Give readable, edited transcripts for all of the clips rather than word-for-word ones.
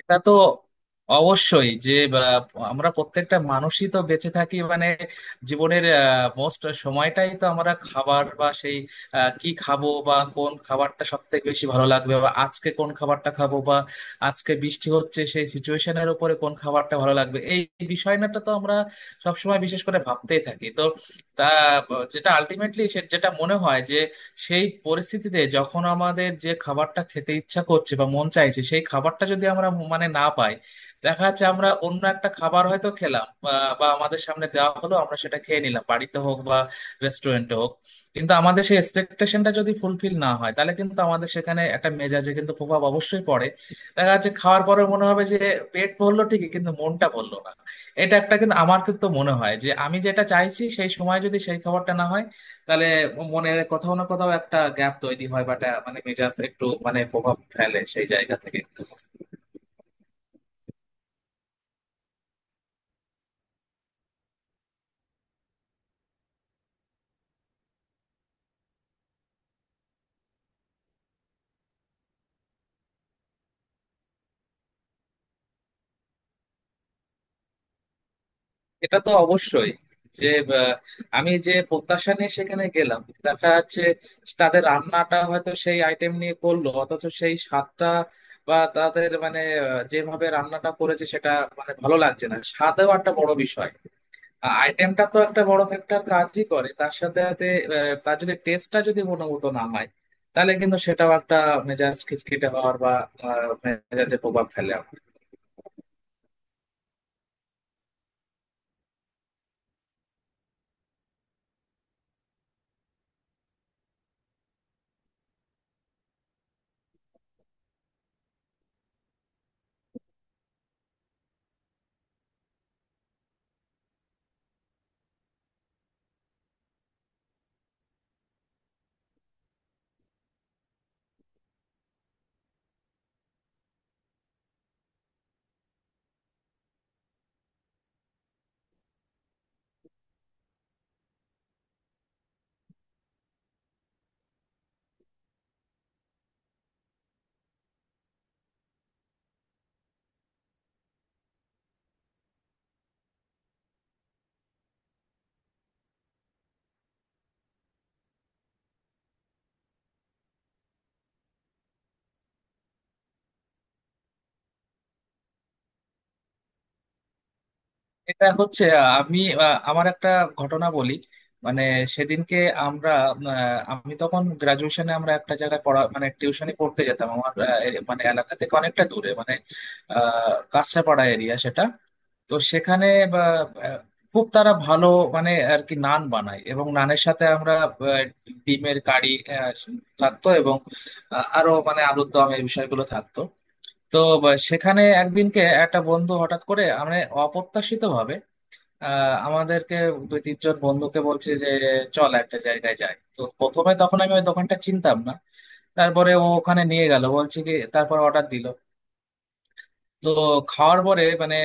এটা তো অবশ্যই যে আমরা প্রত্যেকটা মানুষই তো বেঁচে থাকি মানে জীবনের মোস্ট সময়টাই তো আমরা খাবার বা সেই কি খাবো বা কোন খাবারটা সব থেকে বেশি ভালো লাগবে বা আজকে কোন খাবারটা খাবো বা আজকে বৃষ্টি হচ্ছে সেই সিচুয়েশনের উপরে কোন খাবারটা ভালো লাগবে এই বিষয়টা তো আমরা সবসময় বিশেষ করে ভাবতেই থাকি। তো তা যেটা আলটিমেটলি যেটা মনে হয় যে সেই পরিস্থিতিতে যখন আমাদের যে খাবারটা খেতে ইচ্ছা করছে বা মন চাইছে সেই খাবারটা যদি আমরা মানে না পাই, দেখা যাচ্ছে আমরা অন্য একটা খাবার হয়তো খেলাম বা বা আমাদের সামনে দেওয়া হলো আমরা সেটা খেয়ে নিলাম বাড়িতে হোক বা রেস্টুরেন্টে হোক, কিন্তু আমাদের সেই এক্সপেকটেশনটা যদি ফুলফিল না হয় তাহলে কিন্তু আমাদের সেখানে একটা মেজাজে কিন্তু প্রভাব অবশ্যই পড়ে। দেখা যাচ্ছে খাওয়ার পরে মনে হবে যে পেট ভরলো ঠিকই কিন্তু মনটা ভরলো না। এটা একটা কিন্তু আমার কিন্তু মনে হয় যে আমি যেটা চাইছি সেই সময় যদি সেই খাবারটা না হয় তাহলে মনের কোথাও না কোথাও একটা গ্যাপ তৈরি হয় বা একটা- মানে মেজাজ একটু মানে প্রভাব ফেলে সেই জায়গা থেকে। এটা তো অবশ্যই যে আহ, আমি যে প্রত্যাশা নিয়ে সেখানে গেলাম দেখা যাচ্ছে তাদের রান্নাটা হয়তো সেই আইটেম নিয়ে করলো অথচ সেই স্বাদটা বা তাদের মানে যেভাবে রান্নাটা করেছে সেটা মানে ভালো লাগছে না, স্বাদও একটা বড় বিষয়। আইটেমটা তো একটা বড় ফ্যাক্টর কাজই করে, তার সাথে সাথে তার যদি টেস্টটা যদি গুণগত না হয় তাহলে কিন্তু সেটাও একটা মেজাজ খিটখিটে হওয়ার বা মেজাজে প্রভাব ফেলে আমার। এটা হচ্ছে আমার একটা ঘটনা বলি। মানে সেদিনকে আমরা আমি তখন গ্রাজুয়েশনে, আমরা একটা জায়গায় পড়া মানে টিউশনি পড়তে যেতাম আমার এ- মানে এলাকা থেকে অনেকটা দূরে মানে আহ কাছড়াপাড়া এরিয়া সেটা। তো সেখানে বা, আহ, খুব তারা ভালো মানে আর কি নান বানায় এবং নানের সাথে আমরা আহ, ডিমের কারি আহ, থাকতো এবং আরো মানে আলুর দম এই বিষয়গুলো থাকতো। তো সেখানে একদিনকে একটা বন্ধু হঠাৎ করে আমরা অপ্রত্যাশিত ভাবে আমাদেরকে দুই তিনজন বন্ধুকে বলছে যে চল একটা জায়গায় যাই। তো প্রথমে তখন আমি ওই দোকানটা চিনতাম না, তারপরে ও ওখানে নিয়ে গেল বলছে কি তারপর অর্ডার দিল। তো খাওয়ার পরে মানে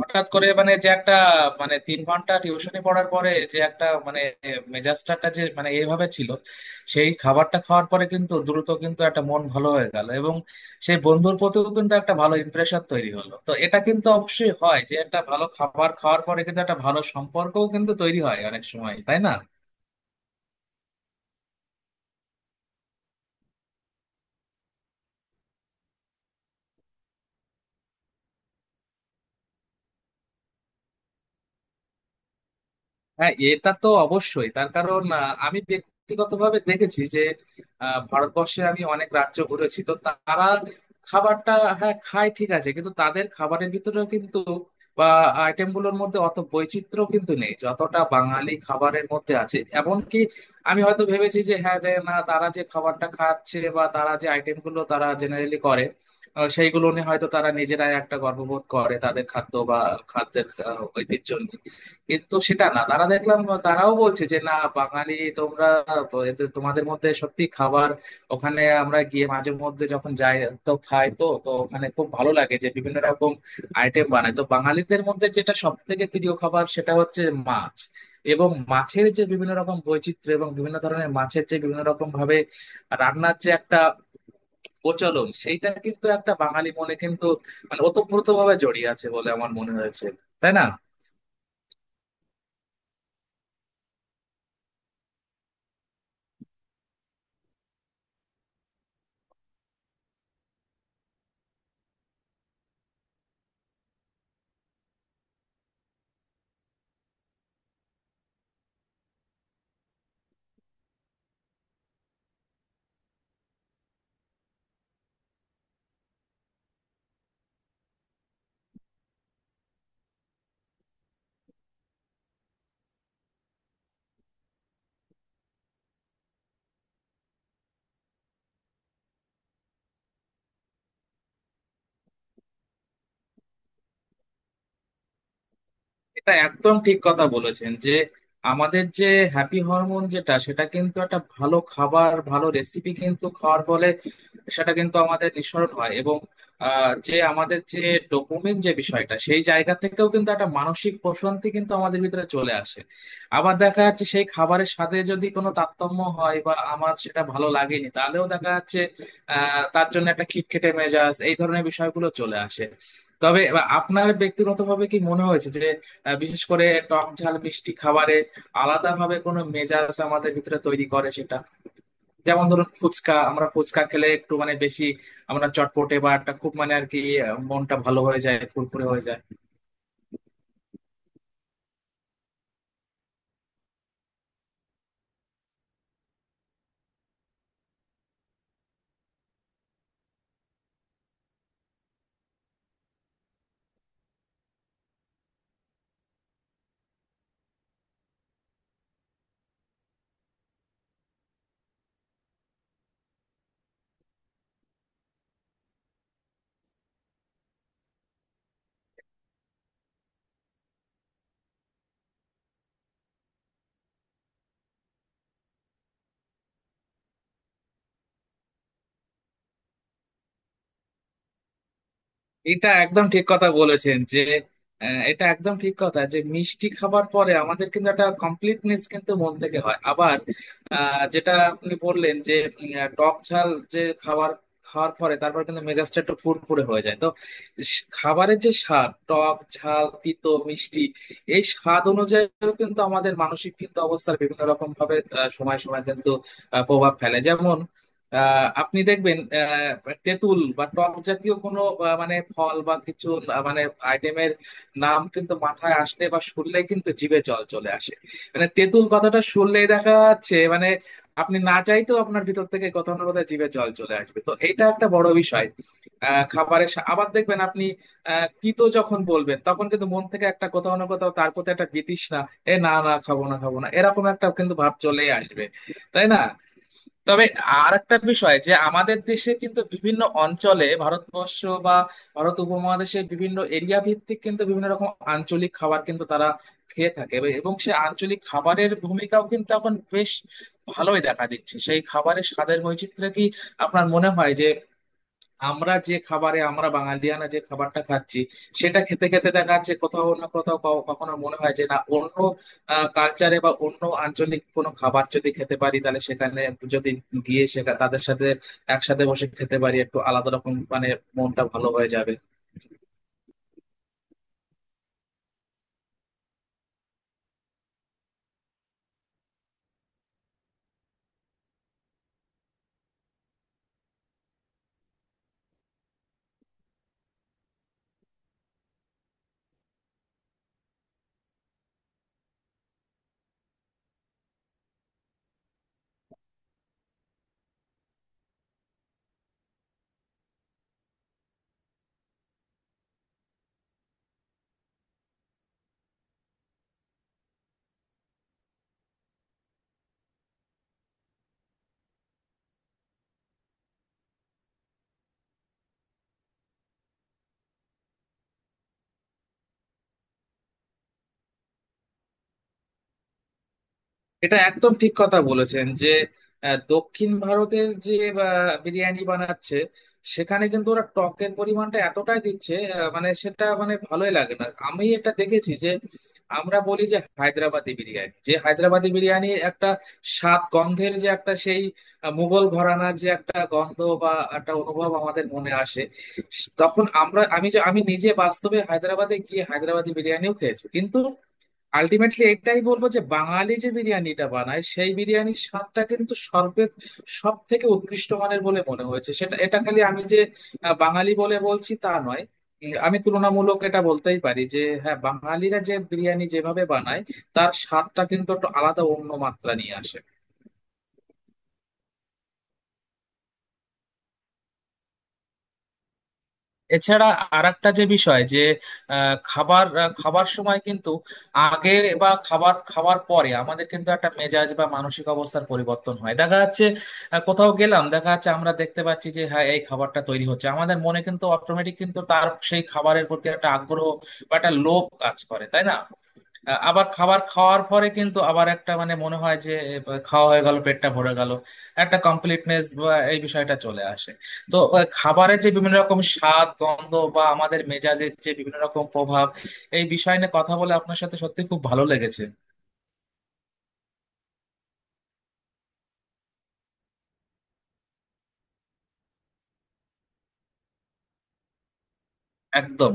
হঠাৎ করে মানে যে একটা মানে 3 ঘন্টা টিউশনি পড়ার পরে যে একটা মানে মেজাজটা যে মানে এইভাবে ছিল, সেই খাবারটা খাওয়ার পরে কিন্তু দ্রুত কিন্তু একটা মন ভালো হয়ে গেল এবং সেই বন্ধুর প্রতিও কিন্তু একটা ভালো ইমপ্রেশন তৈরি হলো। তো এটা কিন্তু অবশ্যই হয় যে একটা ভালো খাবার খাওয়ার পরে কিন্তু একটা ভালো সম্পর্কও কিন্তু তৈরি হয় অনেক সময়, তাই না? হ্যাঁ, এটা তো অবশ্যই, তার কারণ আমি ব্যক্তিগতভাবে দেখেছি যে ভারতবর্ষে আমি অনেক রাজ্য ঘুরেছি, তো তারা খাবারটা হ্যাঁ খায় ঠিক আছে, কিন্তু তাদের খাবারের ভিতরেও কিন্তু বা আইটেম গুলোর মধ্যে অত বৈচিত্র্য কিন্তু নেই যতটা বাঙালি খাবারের মধ্যে আছে। এমনকি আমি হয়তো ভেবেছি যে হ্যাঁ রে না, তারা যে খাবারটা খাচ্ছে বা তারা যে আইটেম গুলো তারা জেনারেলি করে সেইগুলো নিয়ে হয়তো তারা নিজেরাই একটা গর্ববোধ করে তাদের খাদ্য বা খাদ্যের ঐতিহ্য নিয়ে, কিন্তু সেটা না তারা দেখলাম তারাও বলছে যে না বাঙালি তোমরা এদের- তোমাদের মধ্যে সত্যি খাবার। ওখানে আমরা গিয়ে মাঝে মধ্যে যখন যাই তো খাই তো, তো ওখানে খুব ভালো লাগে যে বিভিন্ন রকম আইটেম বানায়। তো বাঙালিদের মধ্যে যেটা সব থেকে প্রিয় খাবার সেটা হচ্ছে মাছ, এবং মাছের যে বিভিন্ন রকম বৈচিত্র্য এবং বিভিন্ন ধরনের মাছের যে বিভিন্ন রকম ভাবে রান্নার যে একটা প্রচলন সেইটা কিন্তু একটা বাঙালি মনে কিন্তু মানে ওতপ্রোত ভাবে জড়িয়ে আছে বলে আমার মনে হয়েছে, তাই না? এটা একদম ঠিক কথা বলেছেন যে আমাদের যে হ্যাপি হরমোন যেটা, সেটা কিন্তু একটা ভালো খাবার ভালো রেসিপি কিন্তু খাওয়ার ফলে সেটা কিন্তু আমাদের নিঃসরণ হয় এবং যে আমাদের যে ডোপামিন যে বিষয়টা সেই জায়গা থেকেও কিন্তু একটা মানসিক প্রশান্তি কিন্তু আমাদের ভিতরে চলে আসে। আবার দেখা যাচ্ছে সেই খাবারের সাথে যদি কোনো তারতম্য হয় বা আমার সেটা ভালো লাগেনি তাহলেও দেখা যাচ্ছে আহ তার জন্য একটা খিটখিটে মেজাজ এই ধরনের বিষয়গুলো চলে আসে। তবে এবার আপনার ব্যক্তিগতভাবে কি মনে হয়েছে যে বিশেষ করে টক ঝাল মিষ্টি খাবারে আলাদাভাবে কোনো মেজাজ আমাদের ভিতরে তৈরি করে সেটা? যেমন ধরুন ফুচকা, আমরা ফুচকা খেলে একটু মানে বেশি আমরা চটপটে বা একটা খুব মানে আর কি মনটা ভালো হয়ে যায়, ফুরফুরে হয়ে যায়। এটা একদম ঠিক কথা বলেছেন যে এটা একদম ঠিক কথা যে মিষ্টি খাবার পরে আমাদের কিন্তু একটা কমপ্লিটনেস কিন্তু মন থেকে হয়। আবার যেটা আপনি বললেন যে টক ঝাল যে খাবার খাওয়ার পরে তারপর কিন্তু মেজাজটা একটু ফুরফুরে হয়ে যায়। তো স- খাবারের যে স্বাদ টক ঝাল তিতো মিষ্টি, এই স্বাদ অনুযায়ীও কিন্তু আমাদের মানসিক কিন্তু অবস্থার বিভিন্ন রকম ভাবে সময় সময় কিন্তু প্রভাব ফেলে। যেমন আহ আপনি দেখবেন তেঁতুল বা টক জাতীয় কোনো মানে ফল বা কিছু আহ, মানে আইটেমের নাম কিন্তু মাথায় আসলে বা শুনলে কিন্তু জিভে জল চলে আসে। মানে তেঁতুল কথাটা শুনলেই দেখা যাচ্ছে মানে আপনি না চাইতেও আপনার ভিতর থেকে কোথাও না কোথাও জিভে জল চলে আসবে, তো এটা একটা বড় বিষয়। আহ খাবারের সা- আবার দেখবেন আপনি আহ তিতো যখন বলবেন তখন কিন্তু মন থেকে একটা কোথাও না কোথাও তার প্রতি একটা বিতৃষ্ণা এ না না খাবো না খাবো না এরকম একটা কিন্তু ভাব চলেই আসবে, তাই না? তবে আর একটা বিষয় যে আমাদের দেশে কিন্তু বিভিন্ন অঞ্চলে ভারতবর্ষ বা ভারত উপমহাদেশের বিভিন্ন এরিয়া ভিত্তিক কিন্তু বিভিন্ন রকম আঞ্চলিক খাবার কিন্তু তারা খেয়ে থাকে এব- এবং সেই আঞ্চলিক খাবারের ভূমিকাও কিন্তু এখন বেশ ভালোই দেখা দিচ্ছে। সেই খাবারের স্বাদের বৈচিত্র্য কি আপনার মনে হয় যে আমরা যে খাবারে আমরা বাঙালিয়ানা যে খাবারটা খাচ্ছি সেটা খেতে খেতে দেখা যাচ্ছে কোথাও না কোথাও ক- কখনো মনে হয় যে না অন্য কালচারে বা অন্য আঞ্চলিক কোনো খাবার যদি খেতে পারি তাহলে সেখানে যদি গিয়ে সেখানে তাদের সাথে একসাথে বসে খেতে পারি একটু আলাদা রকম মানে মনটা ভালো হয়ে যাবে। এটা একদম ঠিক কথা বলেছেন যে দক্ষিণ ভারতের যে বিরিয়ানি বানাচ্ছে সেখানে কিন্তু ওরা টকের পরিমাণটা এতটাই দিচ্ছে মানে সেটা মানে ভালোই লাগে না, আমি এটা দেখেছি যে আমরা বলি যে হায়দ্রাবাদি বিরিয়ানি, যে হায়দ্রাবাদি বিরিয়ানি একটা স্বাদ গন্ধের যে একটা সেই মুঘল ঘরানার যে একটা গন্ধ বা একটা অনুভব আমাদের মনে আসে। তখন আমরা আমি যে আমি নিজে বাস্তবে হায়দ্রাবাদে গিয়ে হায়দ্রাবাদি বিরিয়ানিও খেয়েছি, কিন্তু আলটিমেটলি এটাই বলবো যে বাঙালি যে বিরিয়ানিটা বানায় সেই বিরিয়ানির স্বাদটা কিন্তু সর্বে সব থেকে উৎকৃষ্ট মানের বলে মনে হয়েছে সেটা। এটা খালি আমি যে বাঙালি বলে বলছি তা নয়, আমি তুলনামূলক এটা বলতেই পারি যে হ্যাঁ বাঙালিরা যে বিরিয়ানি যেভাবে বানায় তার স্বাদটা কিন্তু একটু আলাদা অন্য মাত্রা নিয়ে আসে। এছাড়া আরেকটা যে বিষয় যে খাবার সময় কিন্তু আগে বা খাবার খাওয়ার পরে আমাদের কিন্তু একটা মেজাজ বা মানসিক অবস্থার পরিবর্তন হয় দেখা যাচ্ছে। কোথাও গেলাম দেখা যাচ্ছে আমরা দেখতে পাচ্ছি যে হ্যাঁ এই খাবারটা তৈরি হচ্ছে, আমাদের মনে কিন্তু অটোমেটিক কিন্তু তার সেই খাবারের প্রতি একটা আগ্রহ বা একটা লোভ কাজ করে, তাই না? আবার খাবার খাওয়ার পরে কিন্তু আবার একটা মানে মনে হয় যে এ, খাওয়া হয়ে গেল পেটটা ভরে গেল, একটা কমপ্লিটনেস বা এই বিষয়টা চলে আসে। তো খাবারের যে বিভিন্ন রকম স্বাদ গন্ধ বা আমাদের মেজাজের যে বিভিন্ন রকম প্রভাব, এই বিষয় নিয়ে কথা বলে আপনার সাথে সত্যি খুব ভালো লেগেছে। একদম।